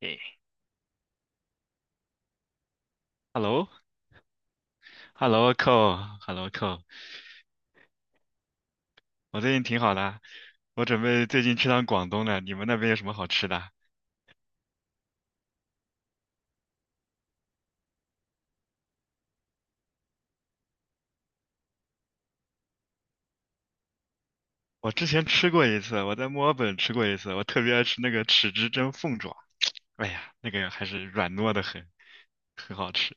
诶 h e l l o h e l l o c o h e l l o c o 我最近挺好的，我准备最近去趟广东呢。你们那边有什么好吃的？我之前吃过一次，我在墨尔本吃过一次，我特别爱吃那个豉汁蒸凤爪。哎呀，那个还是软糯的很，很好吃，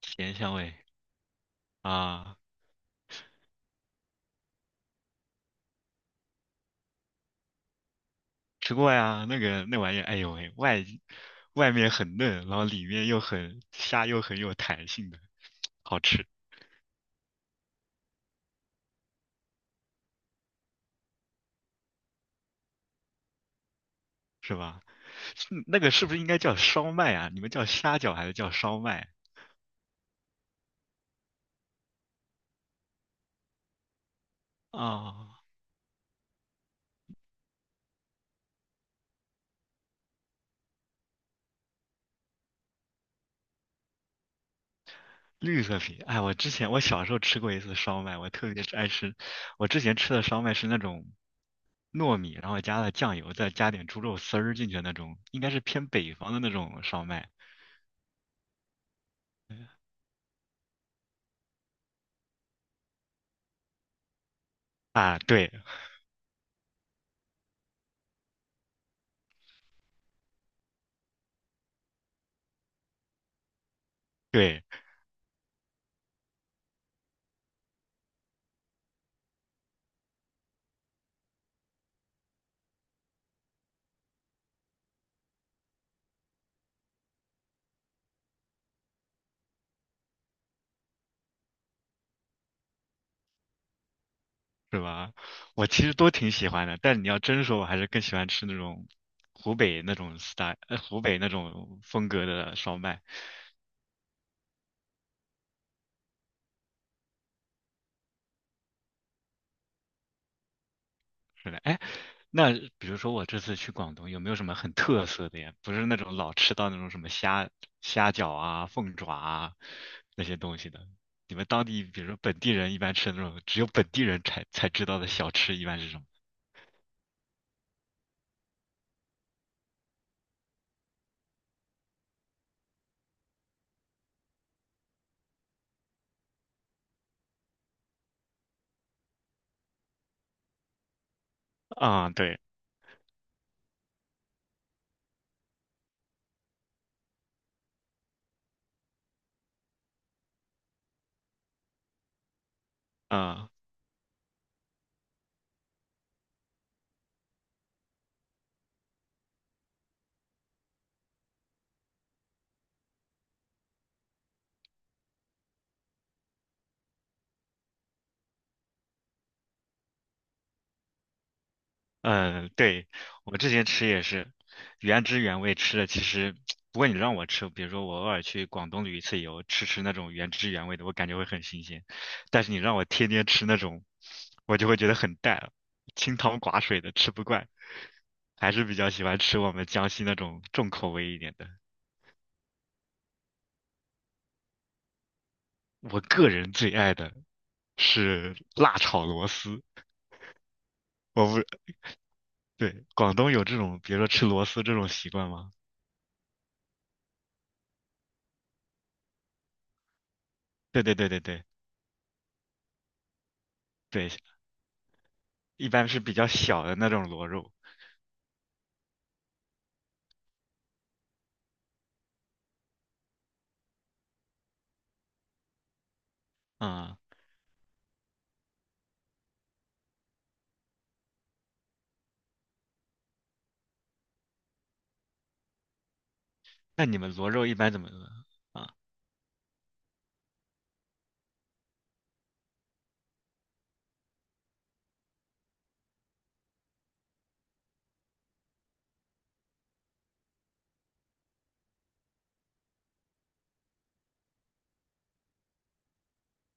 甜香味啊，吃过呀。那个那玩意儿，哎呦喂，外面很嫩，然后里面又很虾又很有弹性的，好吃是吧？是那个是不是应该叫烧麦啊？你们叫虾饺还是叫烧麦啊啊，绿色皮，哎，我之前我小时候吃过一次烧麦，我特别爱吃。我之前吃的烧麦是那种糯米，然后加了酱油，再加点猪肉丝儿进去的那种，应该是偏北方的那种烧麦啊。对对，是吧？我其实都挺喜欢的，但你要真说，我还是更喜欢吃那种湖北那种 style，湖北那种风格的烧麦。是的，哎，那比如说我这次去广东，有没有什么很特色的呀？不是那种老吃到那种什么虾饺啊、凤爪啊那些东西的。你们当地，比如说本地人一般吃的那种，只有本地人才知道的小吃，一般是什么？啊、对，啊、嗯，对，我之前吃也是原汁原味吃的。其实，不过你让我吃，比如说我偶尔去广东旅一次游，吃吃那种原汁原味的，我感觉会很新鲜。但是你让我天天吃那种，我就会觉得很淡，清汤寡水的，吃不惯。还是比较喜欢吃我们江西那种重口味一点的。我个人最爱的是辣炒螺丝。我不，对，广东有这种，比如说吃螺丝这种习惯吗？对对对对对。对，一般是比较小的那种螺肉啊。那你们螺肉一般怎么啊？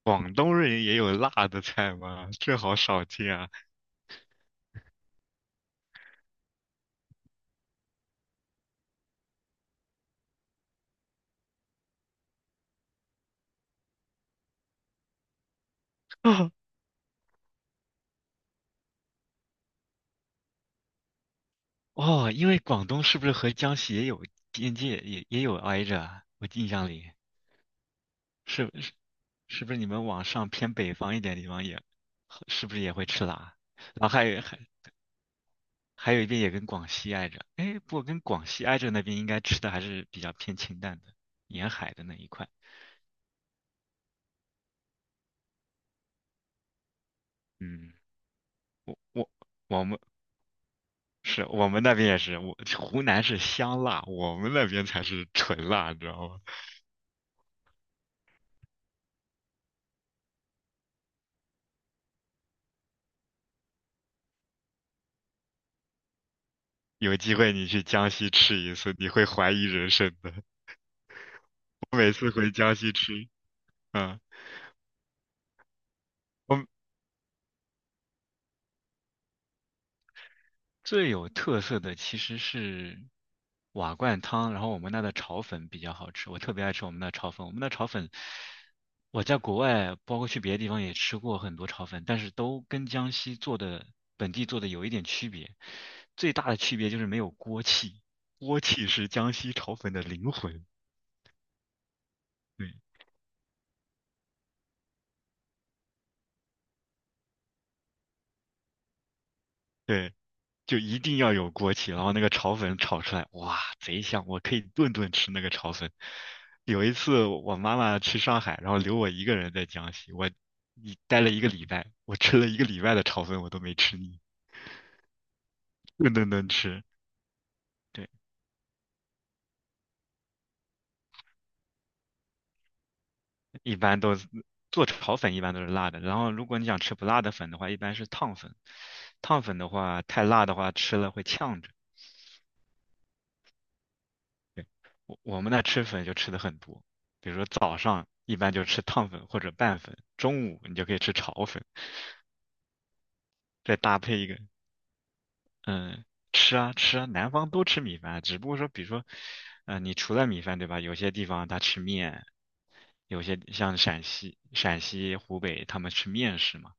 广东人也有辣的菜吗？这好少见啊！啊哦，因为广东是不是和江西也有边界，也有挨着啊？我印象里是是是不是你们往上偏北方一点地方也是不是也会吃辣？然后还有一边也跟广西挨着，哎，不过跟广西挨着那边应该吃的还是比较偏清淡的，沿海的那一块。嗯，我我们是我们那边也是，我湖南是香辣，我们那边才是纯辣，你知道吗？有机会你去江西吃一次，你会怀疑人生的。我每次回江西吃，嗯，我最有特色的其实是瓦罐汤，然后我们那的炒粉比较好吃，我特别爱吃我们那炒粉。我们那炒粉，我在国外，包括去别的地方也吃过很多炒粉，但是都跟江西做的本地做的有一点区别。最大的区别就是没有锅气，锅气是江西炒粉的灵魂。对。对就一定要有锅气，然后那个炒粉炒出来，哇，贼香！我可以顿顿吃那个炒粉。有一次我妈妈去上海，然后留我一个人在江西，我一待了一个礼拜，我吃了一个礼拜的炒粉，我都没吃腻，顿顿吃。对，一般都是做炒粉一般都是辣的，然后如果你想吃不辣的粉的话，一般是烫粉。烫粉的话，太辣的话吃了会呛着。我们那吃粉就吃的很多，比如说早上一般就吃烫粉或者拌粉，中午你就可以吃炒粉，再搭配一个，嗯，吃啊吃啊，南方都吃米饭，只不过说，比如说，呃，你除了米饭，对吧？有些地方他吃面，有些像陕西、湖北他们吃面食嘛，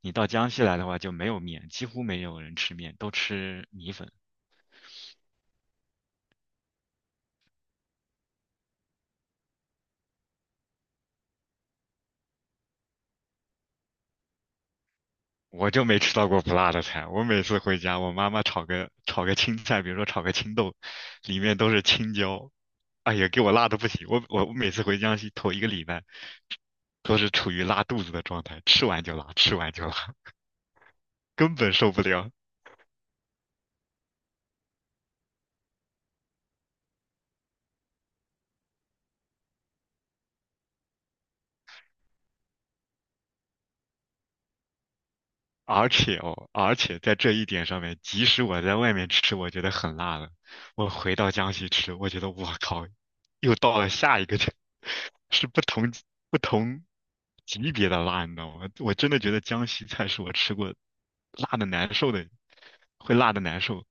你到江西来的话就没有面，几乎没有人吃面，都吃米粉。我就没吃到过不辣的菜。我每次回家，我妈妈炒个青菜，比如说炒个青豆，里面都是青椒，哎呀，给我辣的不行。我每次回江西头一个礼拜，都是处于拉肚子的状态，吃完就拉，吃完就拉，根本受不了。而且哦，而且在这一点上面，即使我在外面吃，我觉得很辣了，我回到江西吃，我觉得我靠，又到了下一个这，是不同级别的辣，你知道吗？我真的觉得江西菜是我吃过辣的难受的，会辣的难受。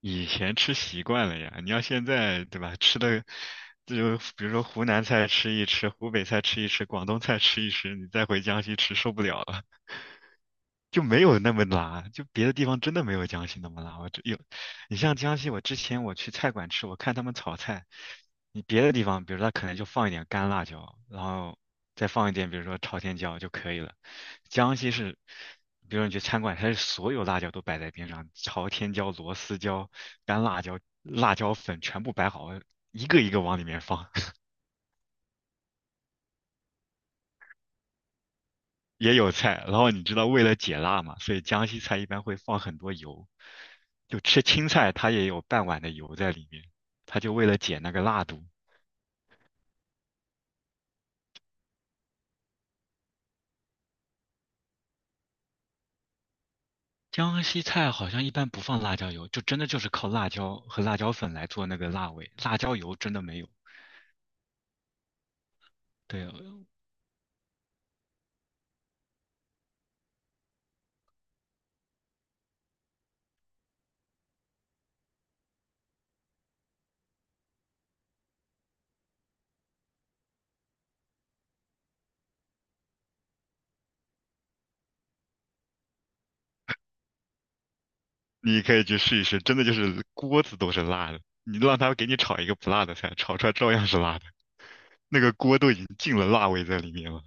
以前吃习惯了呀，你要现在对吧？吃的这就比如说湖南菜吃一吃，湖北菜吃一吃，广东菜吃一吃，你再回江西吃受不了了。就没有那么辣，就别的地方真的没有江西那么辣。我只有，你像江西，我之前我去菜馆吃，我看他们炒菜，你别的地方，比如说他可能就放一点干辣椒，然后再放一点，比如说朝天椒就可以了。江西是，比如你去餐馆，它是所有辣椒都摆在边上，朝天椒、螺丝椒、干辣椒、辣椒粉全部摆好，一个一个往里面放。也有菜，然后你知道为了解辣嘛，所以江西菜一般会放很多油，就吃青菜它也有半碗的油在里面，它就为了解那个辣度。江西菜好像一般不放辣椒油，就真的就是靠辣椒和辣椒粉来做那个辣味，辣椒油真的没有。对，你可以去试一试，真的就是锅子都是辣的，你让他给你炒一个不辣的菜，炒出来照样是辣的，那个锅都已经进了辣味在里面了。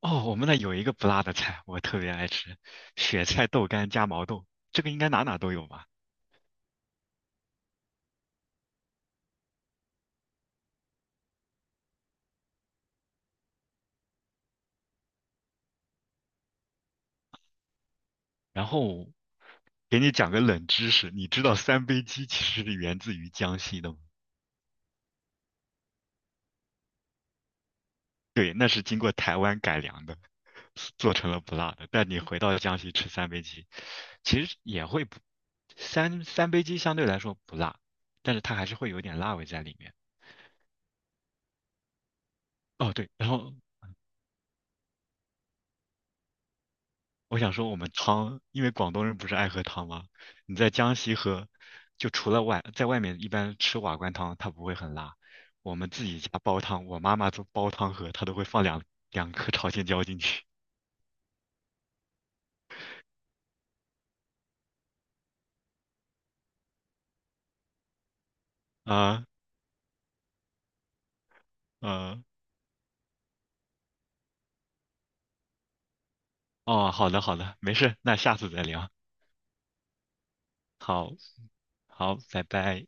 哦，我们那有一个不辣的菜，我特别爱吃，雪菜豆干加毛豆，这个应该哪哪都有吧？然后给你讲个冷知识，你知道三杯鸡其实是源自于江西的吗？对，那是经过台湾改良的，做成了不辣的。但你回到江西吃三杯鸡，其实也会不，三杯鸡相对来说不辣，但是它还是会有点辣味在里面。哦，对，然后我想说，我们汤，因为广东人不是爱喝汤吗？你在江西喝，就除了外，在外面一般吃瓦罐汤，它不会很辣。我们自己家煲汤，我妈妈做煲汤喝，她都会放两颗朝天椒进去。啊，嗯，哦，好的好的，没事，那下次再聊。好，好，拜拜。